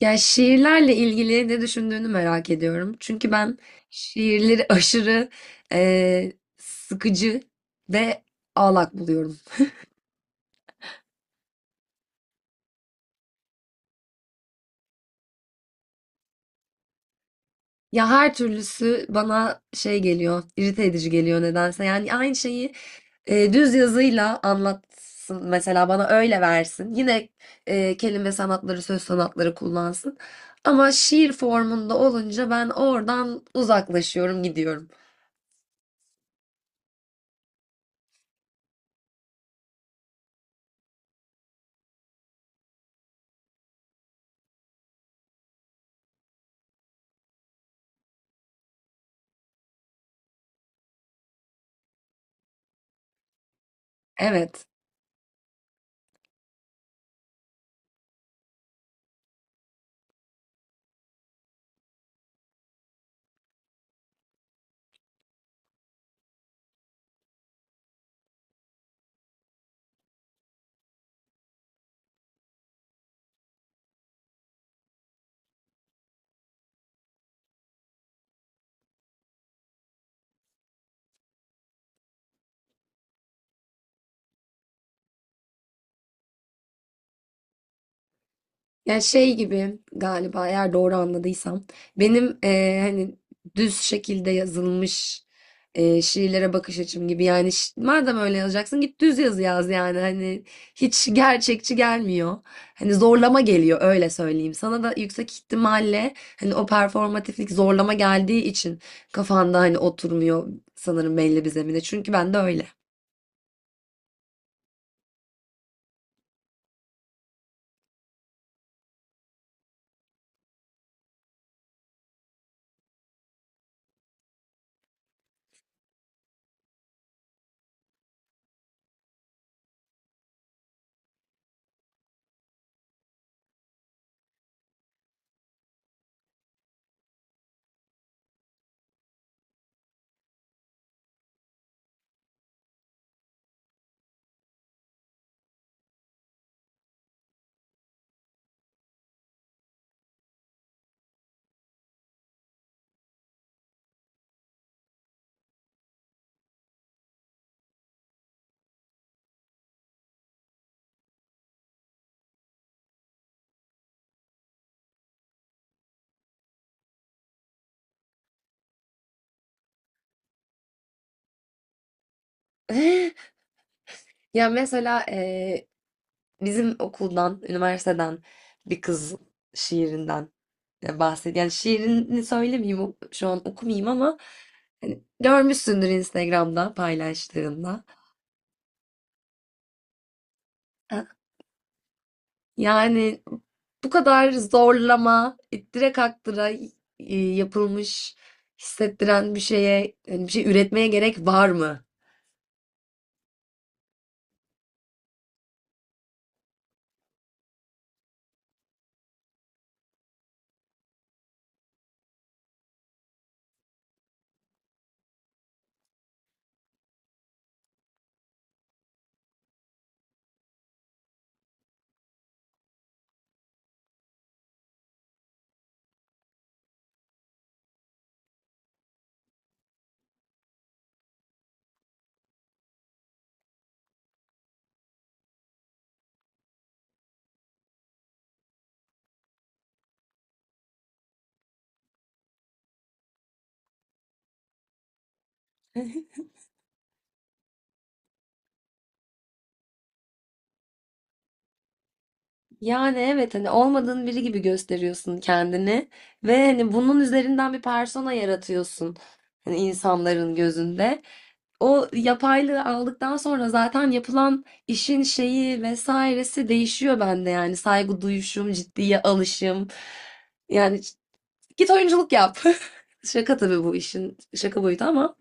Ya şiirlerle ilgili ne düşündüğünü merak ediyorum. Çünkü ben şiirleri aşırı sıkıcı ve ağlak buluyorum. Ya her türlüsü bana şey geliyor, irite edici geliyor nedense. Yani aynı şeyi düz yazıyla anlatsın mesela, bana öyle versin. Yine kelime sanatları, söz sanatları kullansın. Ama şiir formunda olunca ben oradan uzaklaşıyorum, gidiyorum. Evet. Ya şey gibi galiba, eğer doğru anladıysam benim hani düz şekilde yazılmış şiirlere bakış açım gibi. Yani madem öyle yazacaksın git düz yazı yaz yani, hani hiç gerçekçi gelmiyor. Hani zorlama geliyor, öyle söyleyeyim. Sana da yüksek ihtimalle hani o performatiflik zorlama geldiği için kafanda hani oturmuyor sanırım belli bir zemine. Çünkü ben de öyle. Ya mesela bizim okuldan, üniversiteden bir kız şiirinden bahsediyor. Yani şiirini söylemeyeyim, şu an okumayayım ama hani görmüşsündür Instagram'da paylaştığında. Ha, yani bu kadar zorlama, ittire kaktıra yapılmış, hissettiren bir şeye, yani bir şey üretmeye gerek var mı? Yani evet, hani olmadığın biri gibi gösteriyorsun kendini ve hani bunun üzerinden bir persona yaratıyorsun hani insanların gözünde. O yapaylığı aldıktan sonra zaten yapılan işin şeyi vesairesi değişiyor bende, yani saygı duyuşum, ciddiye alışım. Yani git oyunculuk yap. Şaka tabii, bu işin şaka boyutu ama.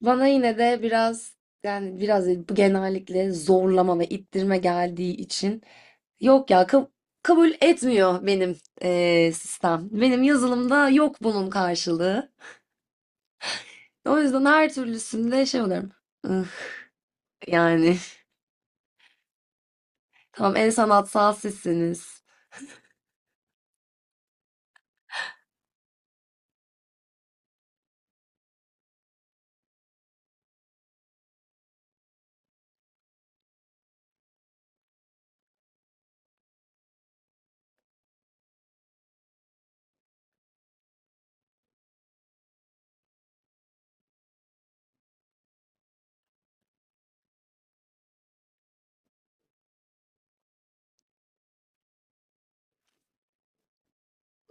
Bana yine de biraz, yani biraz değil, bu genellikle zorlama ve ittirme geldiği için yok ya, kabul etmiyor benim sistem. Benim yazılımda yok bunun karşılığı. O yüzden her türlüsünde şey oluyorum. "Ih, yani tamam, en sanatsal sizsiniz."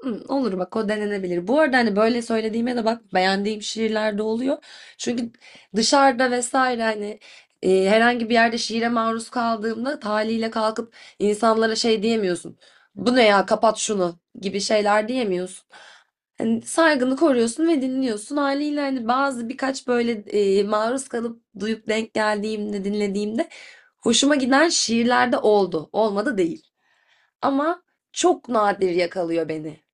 Hmm, olur bak, o denenebilir. Bu arada hani böyle söylediğime de bak, beğendiğim şiirler de oluyor. Çünkü dışarıda vesaire, hani herhangi bir yerde şiire maruz kaldığımda taliyle kalkıp insanlara şey diyemiyorsun. Bu ne ya, kapat şunu gibi şeyler diyemiyorsun. Hani saygını koruyorsun ve dinliyorsun. Haliyle hani bazı, birkaç böyle maruz kalıp duyup denk geldiğimde, dinlediğimde hoşuma giden şiirler de oldu. Olmadı değil. Ama çok nadir yakalıyor beni.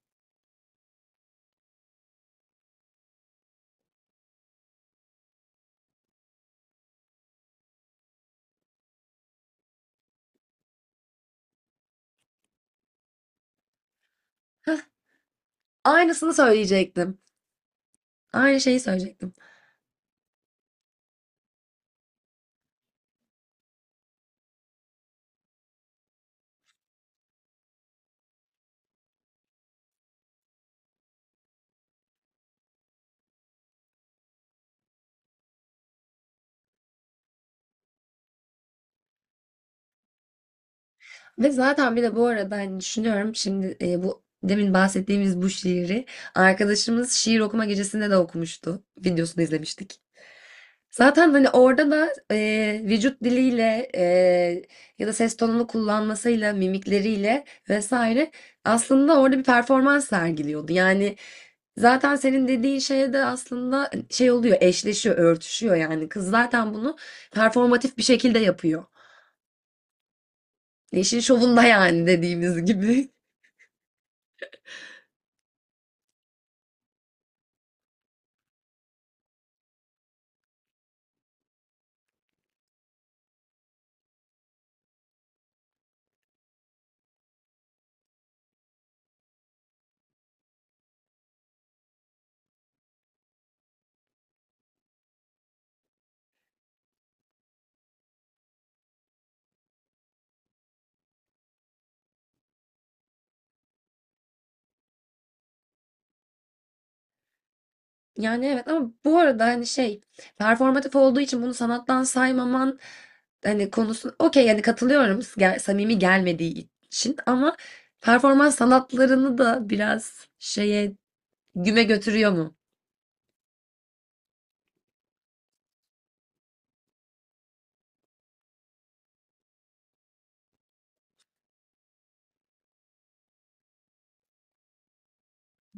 Aynısını söyleyecektim. Aynı şeyi söyleyecektim. Ve zaten bir de bu arada hani düşünüyorum şimdi, bu demin bahsettiğimiz bu şiiri arkadaşımız şiir okuma gecesinde de okumuştu. Videosunu izlemiştik. Zaten hani orada da vücut diliyle ya da ses tonunu kullanmasıyla, mimikleriyle vesaire aslında orada bir performans sergiliyordu. Yani zaten senin dediğin şeye de aslında hani, şey oluyor, eşleşiyor, örtüşüyor yani. Kız zaten bunu performatif bir şekilde yapıyor. İşin şovunda yani, dediğimiz gibi. Yani evet, ama bu arada hani şey, performatif olduğu için bunu sanattan saymaman hani, konusu okey, yani katılıyorum, samimi gelmediği için, ama performans sanatlarını da biraz şeye güme götürüyor mu?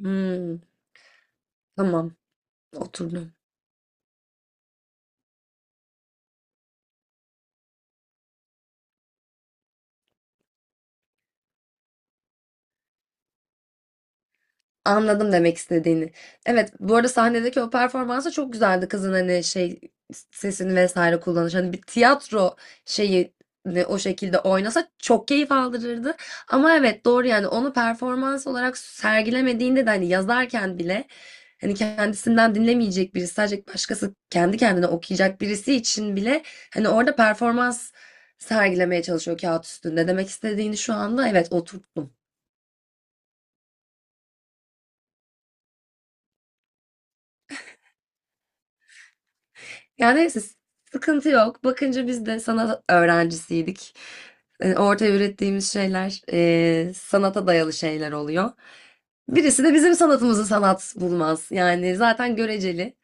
Hmm, tamam, oturdum. Anladım demek istediğini. Evet, bu arada sahnedeki o performansı çok güzeldi kızın, hani şey, sesini vesaire kullanış. Hani bir tiyatro şeyi ne, o şekilde oynasa çok keyif aldırırdı. Ama evet, doğru yani, onu performans olarak sergilemediğinde de hani yazarken bile, hani kendisinden dinlemeyecek birisi, sadece başkası kendi kendine okuyacak birisi için bile hani orada performans sergilemeye çalışıyor kağıt üstünde. Demek istediğini şu anda evet oturttum. Ya neyse, sıkıntı yok. Bakınca biz de sanat öğrencisiydik. Ortaya ürettiğimiz şeyler sanata dayalı şeyler oluyor. Birisi de bizim sanatımızı sanat bulmaz. Yani zaten göreceli.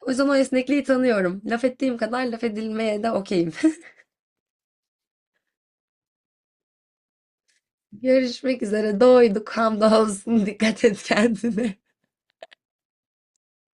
O yüzden o esnekliği tanıyorum. Laf ettiğim kadar laf edilmeye de okeyim. Görüşmek üzere. Doyduk. Hamdolsun. Dikkat et kendine.